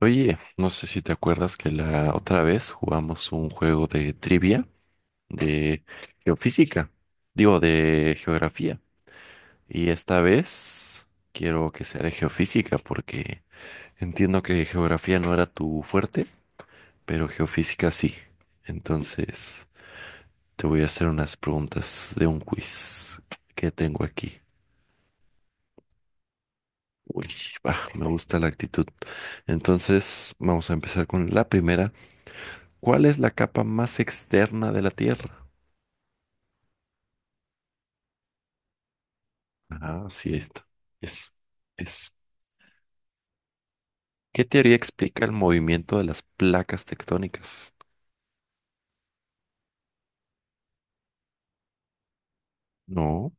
Oye, no sé si te acuerdas que la otra vez jugamos un juego de trivia de geofísica, digo, de geografía. Y esta vez quiero que sea de geofísica porque entiendo que geografía no era tu fuerte, pero geofísica sí. Entonces, te voy a hacer unas preguntas de un quiz que tengo aquí. Uy, va, me gusta la actitud. Entonces, vamos a empezar con la primera. ¿Cuál es la capa más externa de la Tierra? Ah, sí, esta. Eso, eso. ¿Qué teoría explica el movimiento de las placas tectónicas? No,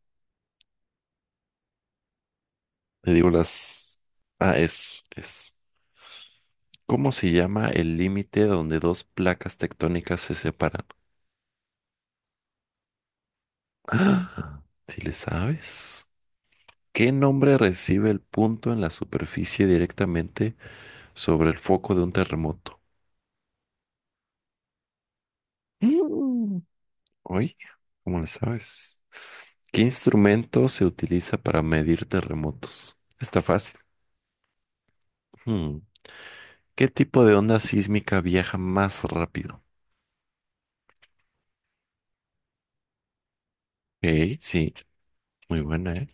te digo las... Ah, es. ¿Cómo se llama el límite donde dos placas tectónicas se separan? Ah, si le sabes. ¿Qué nombre recibe el punto en la superficie directamente sobre el foco de un terremoto? Mm. Hoy, ¿cómo le sabes? ¿Qué instrumento se utiliza para medir terremotos? Está fácil. Hmm. ¿Qué tipo de onda sísmica viaja más rápido? Ok, sí, muy buena, ¿eh?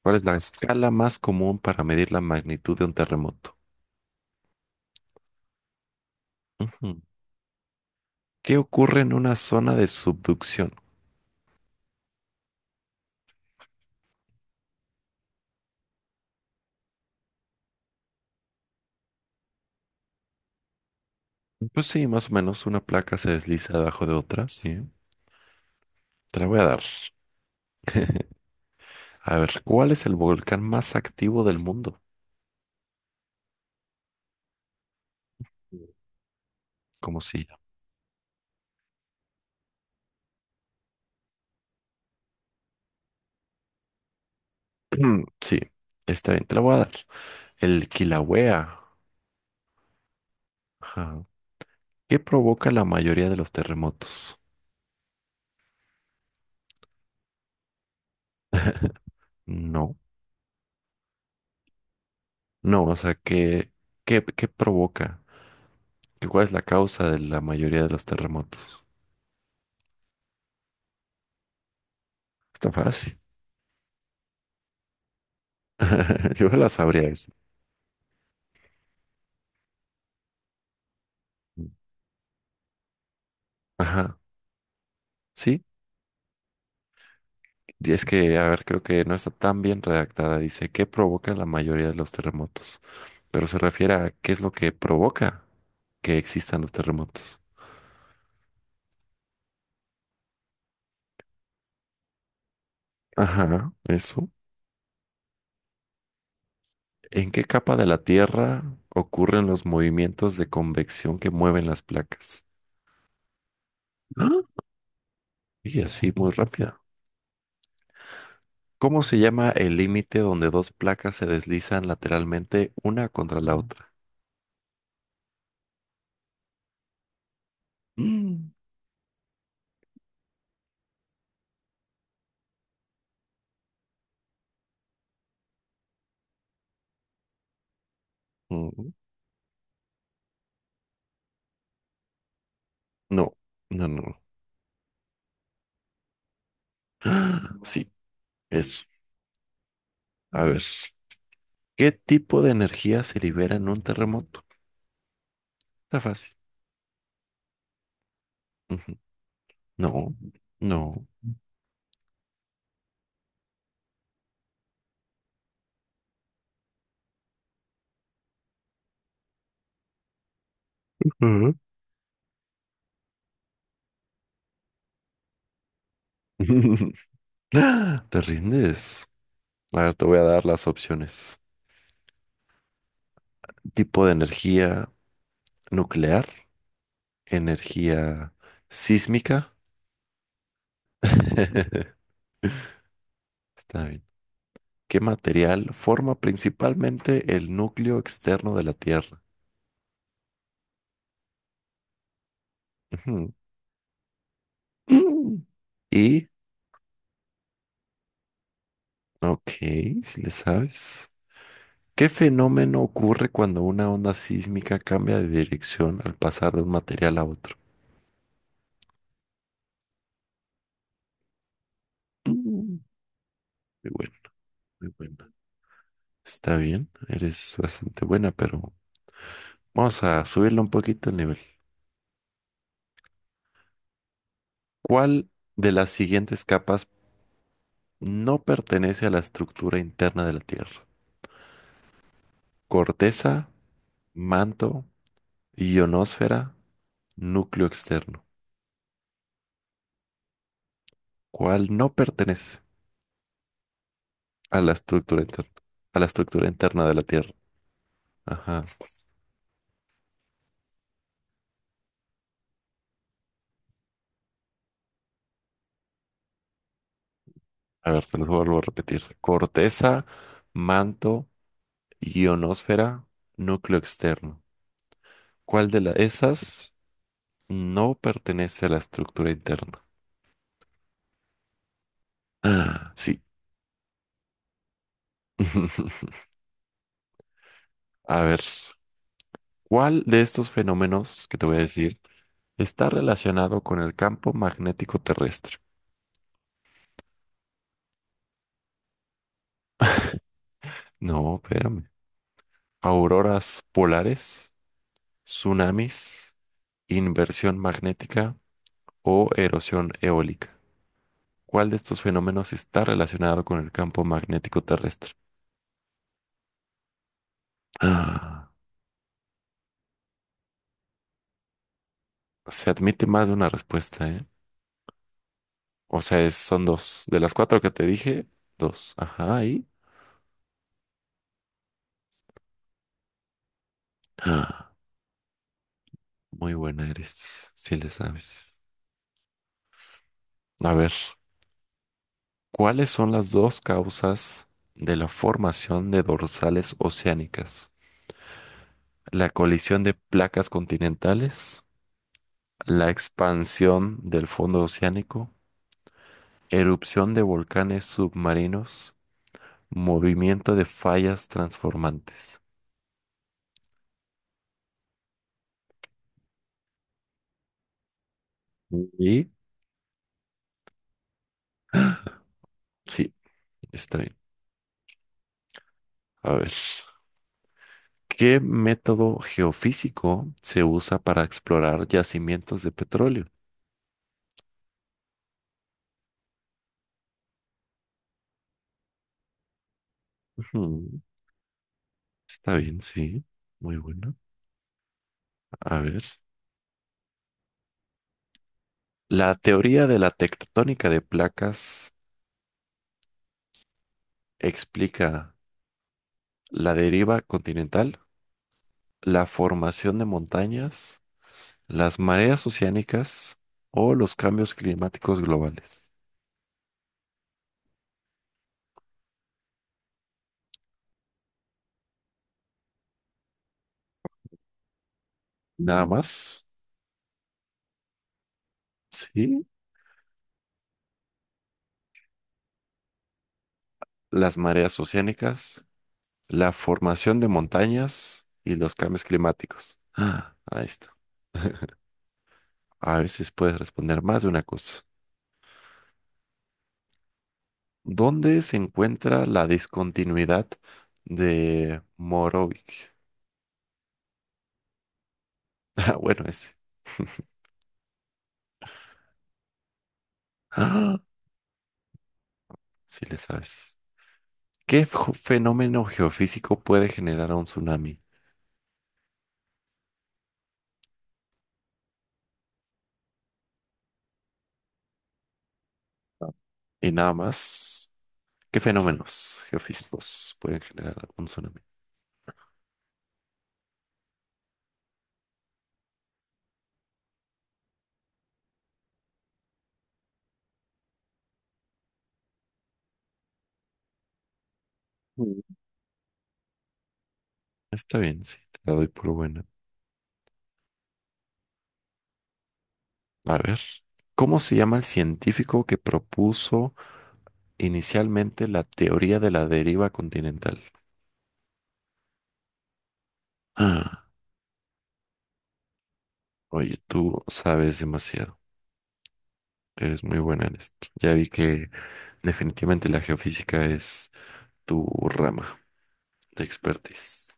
¿Cuál es la escala más común para medir la magnitud de un terremoto? Ujú. ¿Qué ocurre en una zona de subducción? Pues sí, más o menos una placa se desliza debajo de otra, sí. Te la voy a dar. A ver, ¿cuál es el volcán más activo del mundo? Como si mm, sí, está bien, te la voy a dar. El Kilauea. Ajá. ¿Qué provoca la mayoría de los terremotos? No, no, o sea, ¿qué provoca? ¿Qué- ¿Cuál es la causa de la mayoría de los terremotos? Está fácil. Yo la sabría eso. Ajá, sí. Y es que, a ver, creo que no está tan bien redactada. Dice, ¿qué provoca la mayoría de los terremotos? Pero se refiere a qué es lo que provoca que existan los terremotos. Ajá, eso. ¿En qué capa de la Tierra ocurren los movimientos de convección que mueven las placas? ¡Ah! Y así muy rápida. ¿Cómo se llama el límite donde dos placas se deslizan lateralmente una contra la otra? Mm. Mm, no, no, no, no. ¡Ah! Sí, eso. A ver. ¿Qué tipo de energía se libera en un terremoto? Está fácil. Ujú. No, no. Ujú. ¿Te rindes? A ver, te voy a dar las opciones. Tipo de energía nuclear, energía sísmica. Está bien. ¿Qué material forma principalmente el núcleo externo de la Tierra? Ujú. Mm. Y ok, si le sabes. ¿Qué fenómeno ocurre cuando una onda sísmica cambia de dirección al pasar de un material a otro? Mm. Muy bueno, muy buena. Está bien, eres bastante buena, pero vamos a subirle un poquito el nivel. ¿Cuál de las siguientes capas no pertenece a la estructura interna de la Tierra? Corteza, manto, ionosfera, núcleo externo. ¿Cuál no pertenece a la estructura interna? A la estructura interna de la Tierra. Ajá. A ver, te los vuelvo a repetir. Corteza, manto, ionosfera, núcleo externo. ¿Cuál de la- esas no pertenece a la estructura interna? Ah, sí. A ver. ¿Cuál de estos fenómenos que te voy a decir está relacionado con el campo magnético terrestre? No, espérame. Auroras polares, tsunamis, inversión magnética o erosión eólica. ¿Cuál de estos fenómenos está relacionado con el campo magnético terrestre? Ah, se admite más de una respuesta, ¿eh? O sea, es- son dos. De las cuatro que te dije, dos. Ajá, ahí. Ah, muy buena eres, si le sabes. A ver. ¿Cuáles son las dos causas de la formación de dorsales oceánicas? ¿La colisión de placas continentales? ¿La expansión del fondo oceánico? ¿Erupción de volcanes submarinos? ¿Movimiento de fallas transformantes? Y sí, está bien. A ver. ¿Qué método geofísico se usa para explorar yacimientos de petróleo? Ujú, está bien, sí. Muy bueno. A ver. La teoría de la tectónica de placas explica la deriva continental, la formación de montañas, las mareas oceánicas o los cambios climáticos globales. Nada más, sí, las mareas oceánicas, la formación de montañas y los cambios climáticos. Ah, ahí está. A veces puedes responder más de una cosa. ¿Dónde se encuentra la discontinuidad de Morovic? Ah, bueno, ese. Ah, sí le sabes. ¿Qué fenómeno geofísico puede generar un tsunami? Y nada más, ¿qué fenómenos geofísicos pueden generar un tsunami? Mm. Está bien, sí, te la doy por buena. A ver, ¿cómo se llama el científico que propuso inicialmente la teoría de la deriva continental? Ah, oye, tú sabes demasiado. Eres muy buena en esto. Ya vi que definitivamente la geofísica es tu rama de expertise.